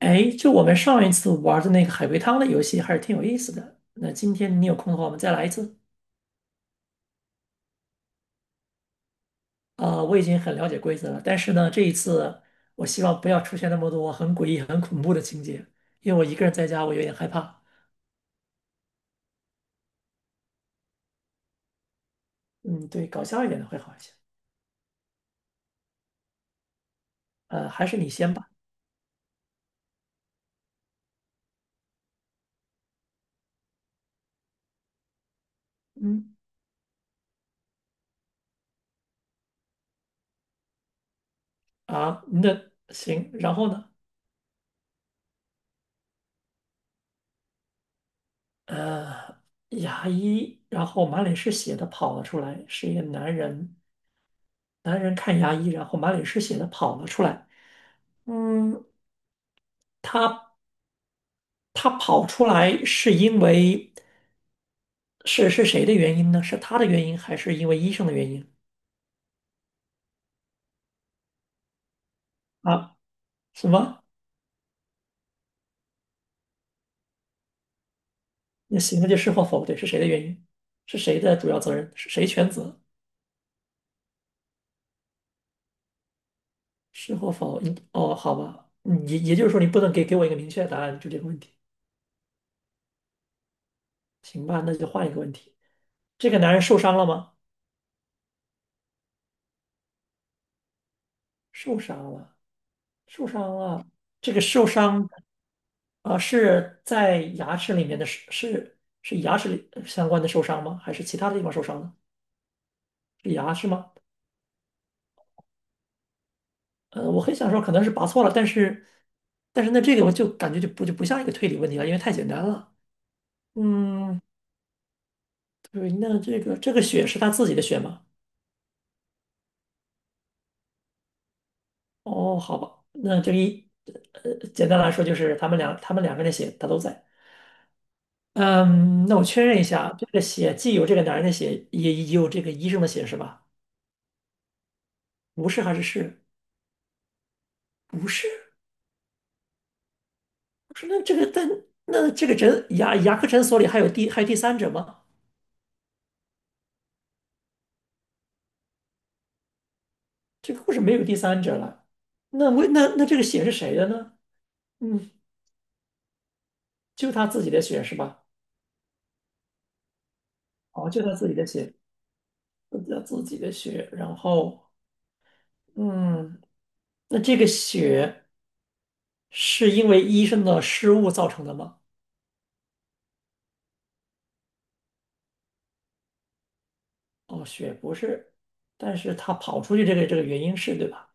哎，就我们上一次玩的那个海龟汤的游戏还是挺有意思的。那今天你有空的话，我们再来一次。啊、我已经很了解规则了，但是呢，这一次我希望不要出现那么多很诡异、很恐怖的情节，因为我一个人在家，我有点害怕。嗯，对，搞笑一点的会好一些。还是你先吧。嗯，啊，那行，然后呢？呃，牙医，然后满脸是血的跑了出来，是一个男人。男人看牙医，然后满脸是血的跑了出来。嗯，他跑出来是因为是谁的原因呢？是他的原因，还是因为医生的原因啊？什么？那行，那就是或否，对，是谁的原因？是谁的主要责任？是谁全责？是或否？你哦，好吧，嗯也就是说，你不能给我一个明确的答案，就这个问题。行吧，那就换一个问题。这个男人受伤了吗？受伤了，受伤了。这个受伤啊，是在牙齿里面的，是牙齿里相关的受伤吗？还是其他的地方受伤呢？是牙是吗？呃，我很想说可能是拔错了，但是但是那这个我就感觉就不像一个推理问题了，因为太简单了。嗯，对，那这个血是他自己的血吗？哦，好吧，那这个一呃，简单来说就是他们两个人的血他都在。嗯，那我确认一下啊，这个血既有这个男人的血，也有这个医生的血是吧？不是还是是？不是，不是。那这个但那这个牙科诊所里还有第三者吗？这个故事没有第三者了，那为那那这个血是谁的呢？嗯，就他自己的血是吧？哦，就他自己的血，就他自己的血。然后，嗯，那这个血是因为医生的失误造成的吗？哦，血不是，但是他跑出去这个原因是对吧？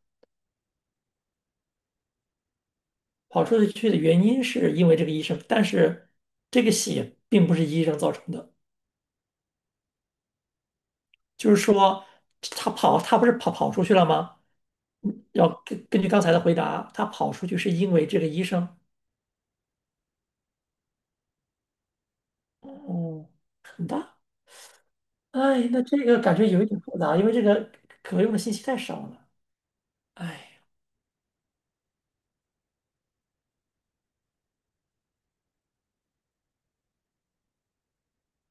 跑出去的原因是因为这个医生，但是这个血并不是医生造成的。就是说他跑，他不是跑出去了吗？嗯要根据刚才的回答，他跑出去是因为这个医生。哦，很大。哎，那这个感觉有一点复杂，因为这个可用的信息太少了。哎，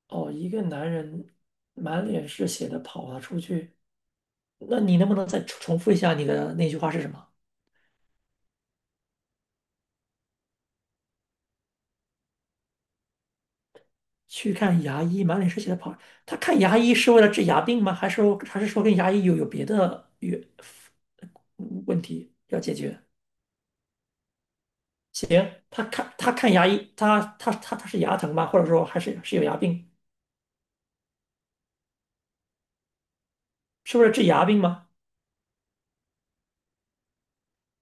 哦，一个男人满脸是血的跑了出去，那你能不能再重复一下你的那句话是什么？去看牙医，满脸是血的跑。他看牙医是为了治牙病吗？还是还是说跟牙医有别的有问题要解决？他看牙医，他是牙疼吗？或者说还是是有牙病？是不是治牙病吗？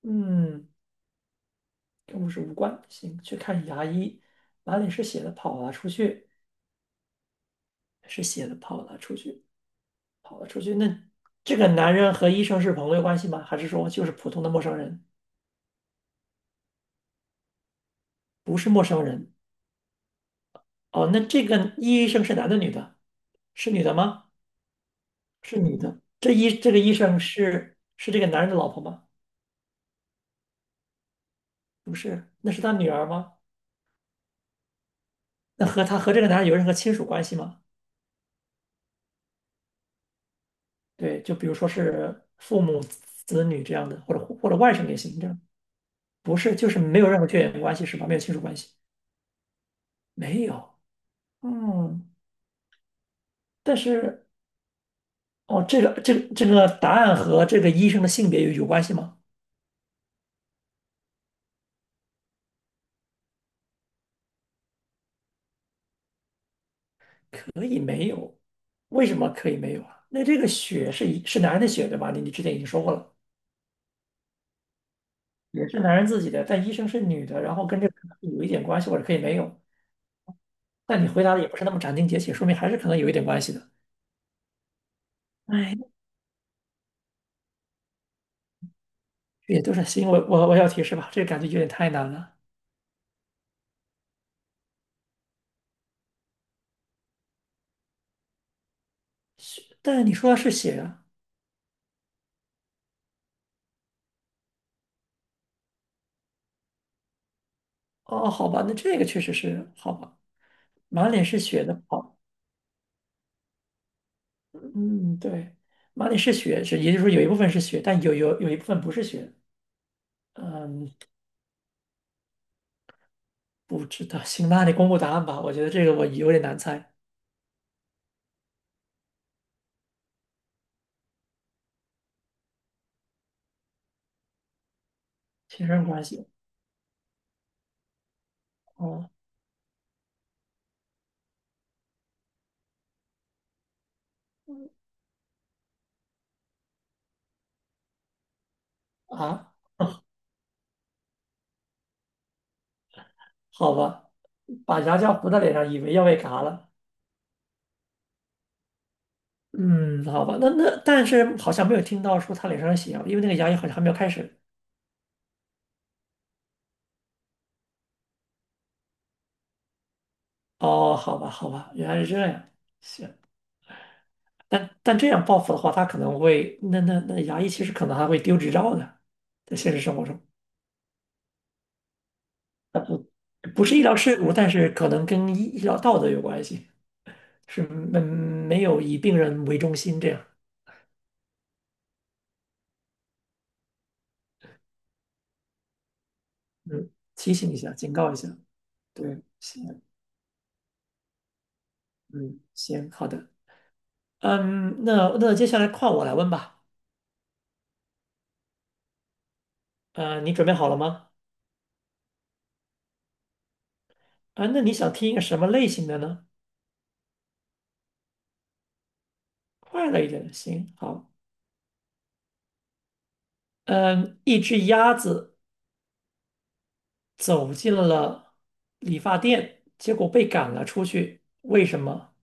嗯，跟我是无关。行，去看牙医，哪里是写的跑了出去，是写的跑了出去，跑了出去。那这个男人和医生是朋友关系吗？还是说就是普通的陌生人？不是陌生人。哦，那这个医生是男的女的？是女的吗？是女的。这医这个医生是这个男人的老婆吗？不是，那是他女儿吗？那和他和这个男人有任何亲属关系吗？对，就比如说是父母、子女这样的，或者或者外甥也行，这样不是就是没有任何血缘关系是吧？没有亲属关系，没有。嗯，但是哦，这个答案和这个医生的性别有关系吗？为什么可以没有啊？那这个血是一是男人的血对吧？你之前已经说过了，也是男人自己的，但医生是女的，然后跟这个可能有一点关系，或者可以没有。但你回答的也不是那么斩钉截铁，说明还是可能有一点关系的。哎，这也都是行，我要提示吧，这个感觉有点太难了。血，但你说的是血啊。哦，好吧，那这个确实是好吧。满脸是血的，好，嗯，对，满脸是血，是也就是说有一部分是血，但有一部分不是血。嗯，不知道，行那你公布答案吧。我觉得这个我有点难猜，亲身关系。哦啊，好吧，把牙胶糊在脸上，以为要被嘎了。嗯，好吧，那那但是好像没有听到说他脸上有血啊，因为那个牙医好像还没有开始。哦，好吧，好吧，原来是这样。行。但但这样报复的话，他可能会，那那那牙医其实可能还会丢执照的，在现实生活中，不是医疗事故，但是可能跟医疗道德有关系，是没有以病人为中心这样，嗯，提醒一下，警告一下，对，行，嗯，行，好的，嗯，那那接下来换我来问吧，呃，你准备好了吗？啊，那你想听一个什么类型的呢？快乐一点的，行，好，嗯，一只鸭子走进了理发店，结果被赶了出去。为什么？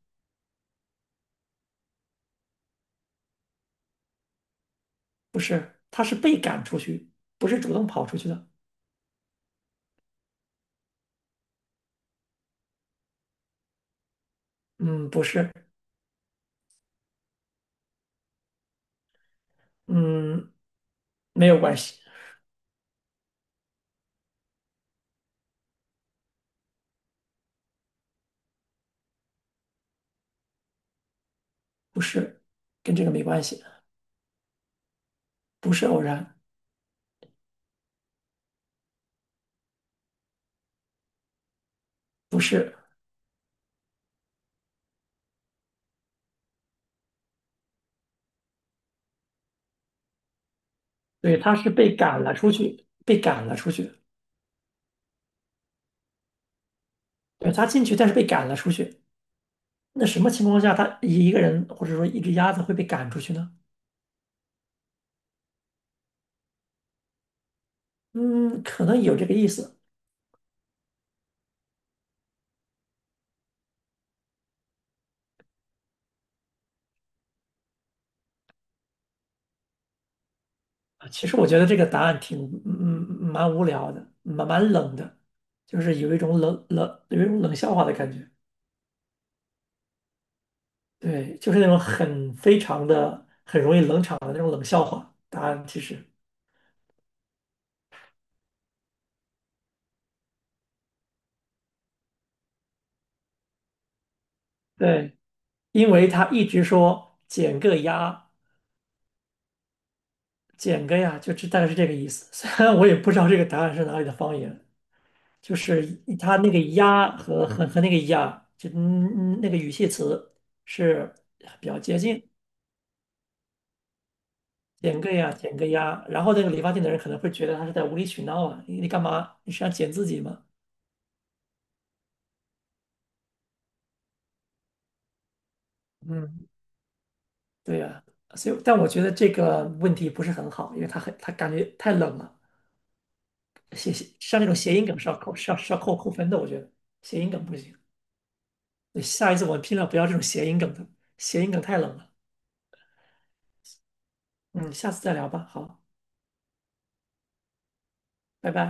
不是，他是被赶出去，不是主动跑出去的。嗯，不是，嗯，没有关系，不是，跟这个没关系，不是偶然，不是，对，他是被赶了出去，被赶了出去。对，他进去，但是被赶了出去。那什么情况下，一个人或者说一只鸭子会被赶出去呢？嗯，可能有这个意思。其实我觉得这个答案挺嗯嗯蛮无聊的，蛮冷的，就是有一种有一种冷笑话的感觉。对，就是那种很非常的很容易冷场的那种冷笑话。答案其实对，因为他一直说减个鸭，减个呀，就这大概是这个意思。虽然我也不知道这个答案是哪里的方言，就是他那个鸭和那个呀，就嗯嗯那个语气词是比较接近。减个呀，减个呀，然后那个理发店的人可能会觉得他是在无理取闹啊，你你干嘛？你是要剪自己吗？嗯，对呀，所以但我觉得这个问题不是很好，因为他很他感觉太冷了，像那种谐音梗是要扣是要扣扣分的，我觉得谐音梗不行。对下一次我们尽量不要这种谐音梗的，谐音梗太冷了。嗯，下次再聊吧，好，拜拜。